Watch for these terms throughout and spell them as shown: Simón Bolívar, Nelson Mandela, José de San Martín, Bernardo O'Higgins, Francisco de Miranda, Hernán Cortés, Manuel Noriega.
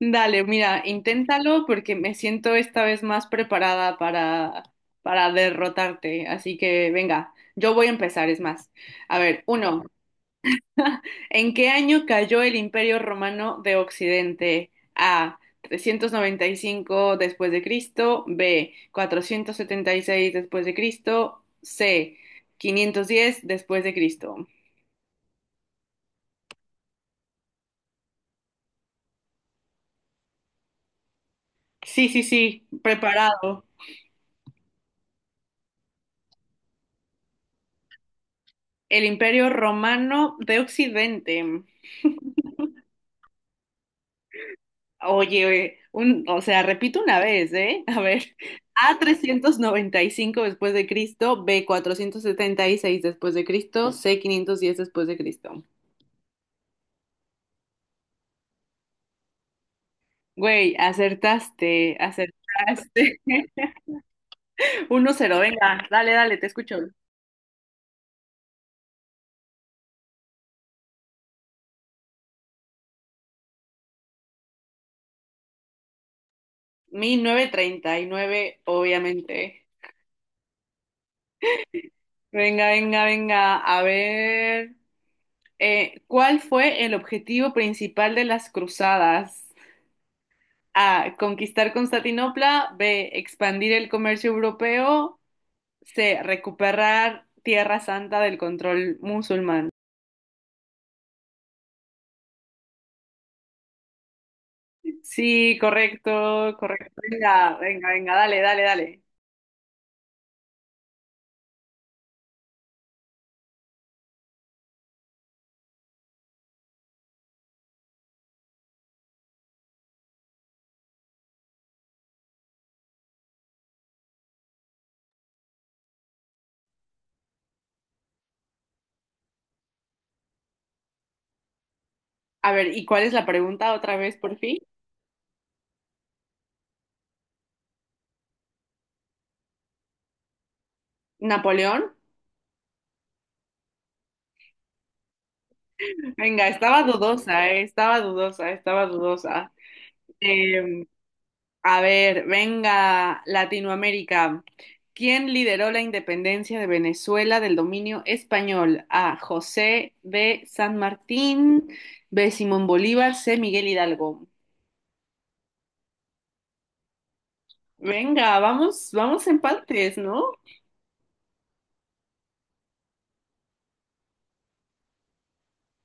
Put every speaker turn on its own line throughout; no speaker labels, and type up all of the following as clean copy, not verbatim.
Dale, mira, inténtalo porque me siento esta vez más preparada para derrotarte. Así que venga, yo voy a empezar, es más. A ver, uno, ¿en qué año cayó el Imperio Romano de Occidente? A. 395 después de Cristo, B. 476 después de Cristo, C. 510 después de Cristo. Sí, sí, sí, preparado. El Imperio Romano de Occidente. Oye, oye, o sea, repito una vez, ¿eh? A ver, A 395 después de Cristo, B 476 después de Cristo, C 510 después de Cristo. Güey, acertaste, acertaste. 1-0, venga, dale, dale, te escucho. 1939, obviamente. Venga, venga, venga, a ver. ¿Cuál fue el objetivo principal de las cruzadas? A. Conquistar Constantinopla. B. Expandir el comercio europeo. C. Recuperar Tierra Santa del control musulmán. Sí, correcto, correcto. Venga, venga, venga, dale, dale, dale. A ver, ¿y cuál es la pregunta otra vez por fin? ¿Napoleón? Venga, estaba dudosa, estaba dudosa, estaba dudosa. Em, A ver, venga, Latinoamérica. ¿Quién lideró la independencia de Venezuela del dominio español? A. José de San Martín, B. Simón Bolívar, C. Miguel Hidalgo. Venga, vamos, vamos empates, ¿no?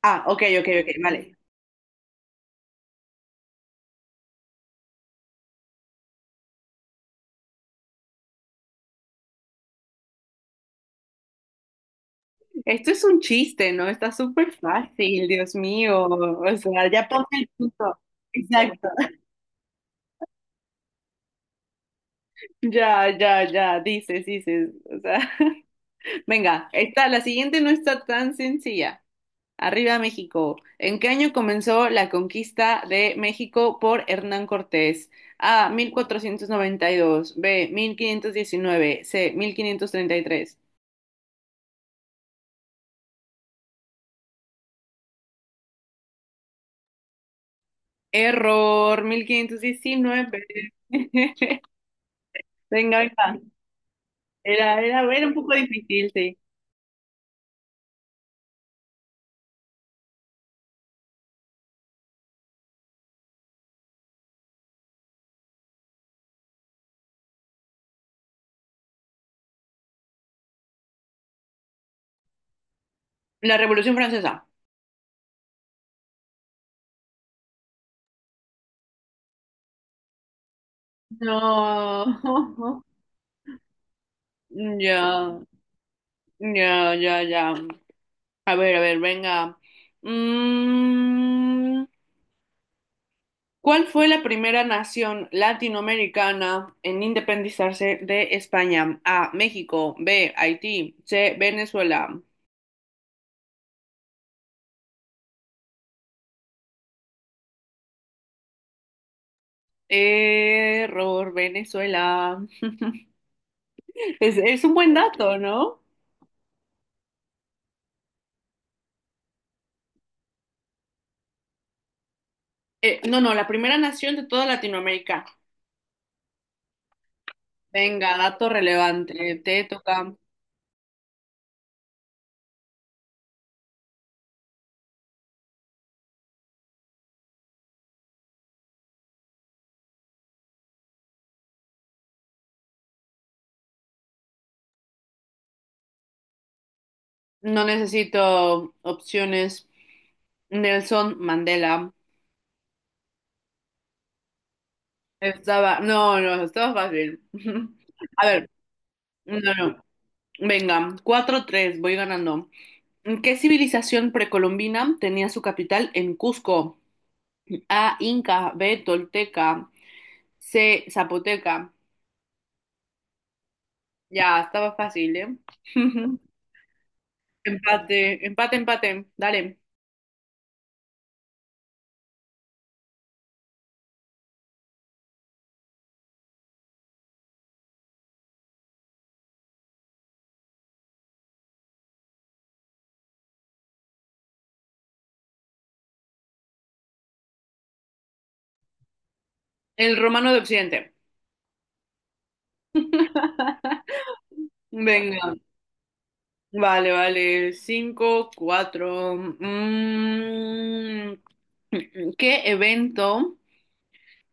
Ah, ok, ok, ok, vale. Esto es un chiste, ¿no? Está súper fácil, Dios mío. O sea, ya ponme el punto. Exacto. Ya, ya, ya, dices, dices. O sea, venga, esta, la siguiente no está tan sencilla. Arriba México. ¿En qué año comenzó la conquista de México por Hernán Cortés? A. 1492. B. 1519. C. 1533. Error. 1519. Venga, venga. Era un poco difícil, sí. La Revolución Francesa. No. Ya, ya, ya, ya. A ver, venga. Mm. ¿Cuál fue la primera nación latinoamericana en independizarse de España? A. México. B. Haití. C. Venezuela. Error, Venezuela. Es un buen dato, ¿no? No, no, la primera nación de toda Latinoamérica. Venga, dato relevante. Te toca. No necesito opciones. Nelson Mandela. Estaba. No, no, estaba fácil. A ver, no, no. Venga, 4-3 voy ganando. ¿Qué civilización precolombina tenía su capital en Cusco? A, Inca, B, Tolteca, C, Zapoteca. Ya, estaba fácil, ¿eh? Empate, empate, empate. Dale. El romano de Occidente. Venga. Vale, vale. 5-4. Mm. ¿Qué evento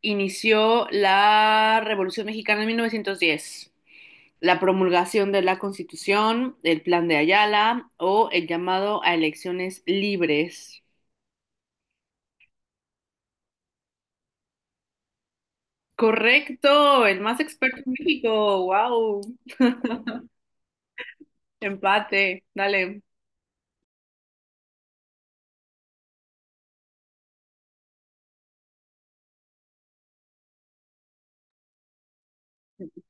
inició la Revolución Mexicana en 1910? La promulgación de la Constitución, el plan de Ayala o el llamado a elecciones libres. Correcto, el más experto en México. Wow. Empate. Dale.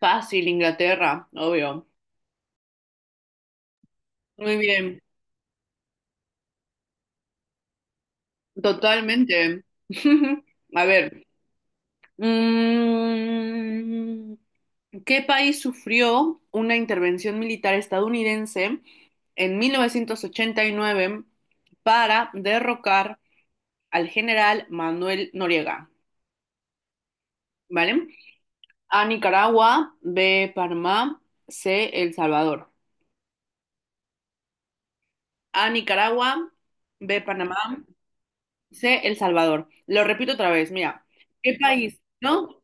Fácil, Inglaterra, obvio. Muy bien, totalmente. A ver, mm, ¿qué país sufrió una intervención militar estadounidense en 1989 para derrocar al general Manuel Noriega, ¿vale? A Nicaragua, B, Panamá, C, El Salvador. A Nicaragua, B, Panamá, C, El Salvador. Lo repito otra vez, mira, ¿qué país? ¿No?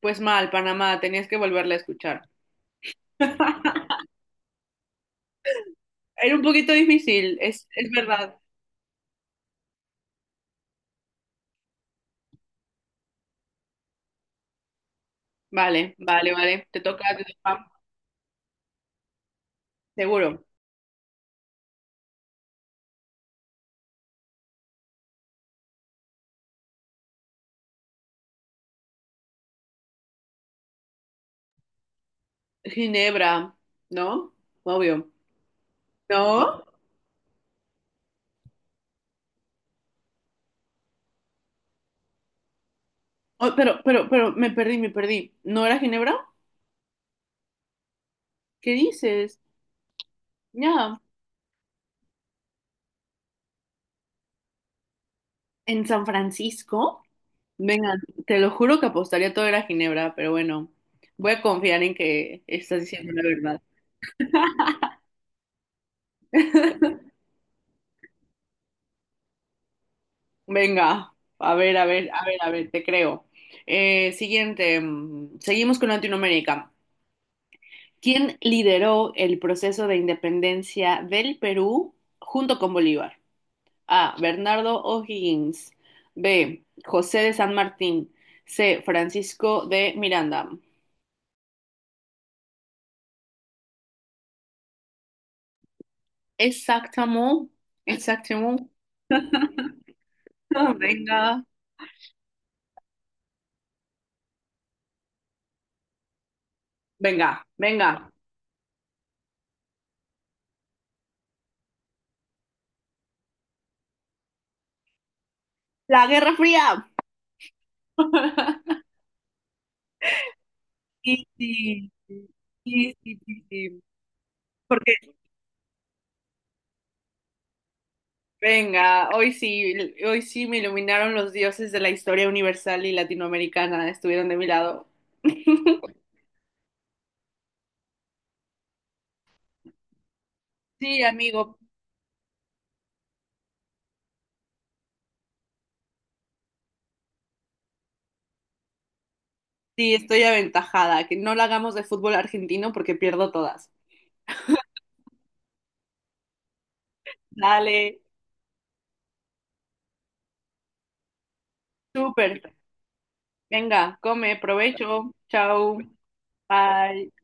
Pues mal, Panamá, tenías que volverla a escuchar. Era un poquito difícil, es verdad. Vale, vale, vale, te toca, seguro. Ginebra, ¿no? Obvio. ¿No? Oh, pero, me perdí, me perdí. ¿No era Ginebra? ¿Qué dices? Ya, en San Francisco, venga, te lo juro que apostaría todo era Ginebra, pero bueno, voy a confiar en que estás diciendo la verdad. Venga, a ver, a ver, a ver, a ver, te creo. Siguiente, seguimos con Latinoamérica. ¿Quién lideró el proceso de independencia del Perú junto con Bolívar? A. Bernardo O'Higgins. B. José de San Martín. C. Francisco de Miranda. Exactamente, exactamente. Venga, venga, venga. La Guerra Fría. Sí, sí, sí, sí, sí, sí. Porque Venga, hoy sí me iluminaron los dioses de la historia universal y latinoamericana, estuvieron de mi lado. Sí, amigo, sí, estoy aventajada, que no la hagamos de fútbol argentino porque pierdo todas. Dale, súper. Venga, come, provecho. Chao. Bye.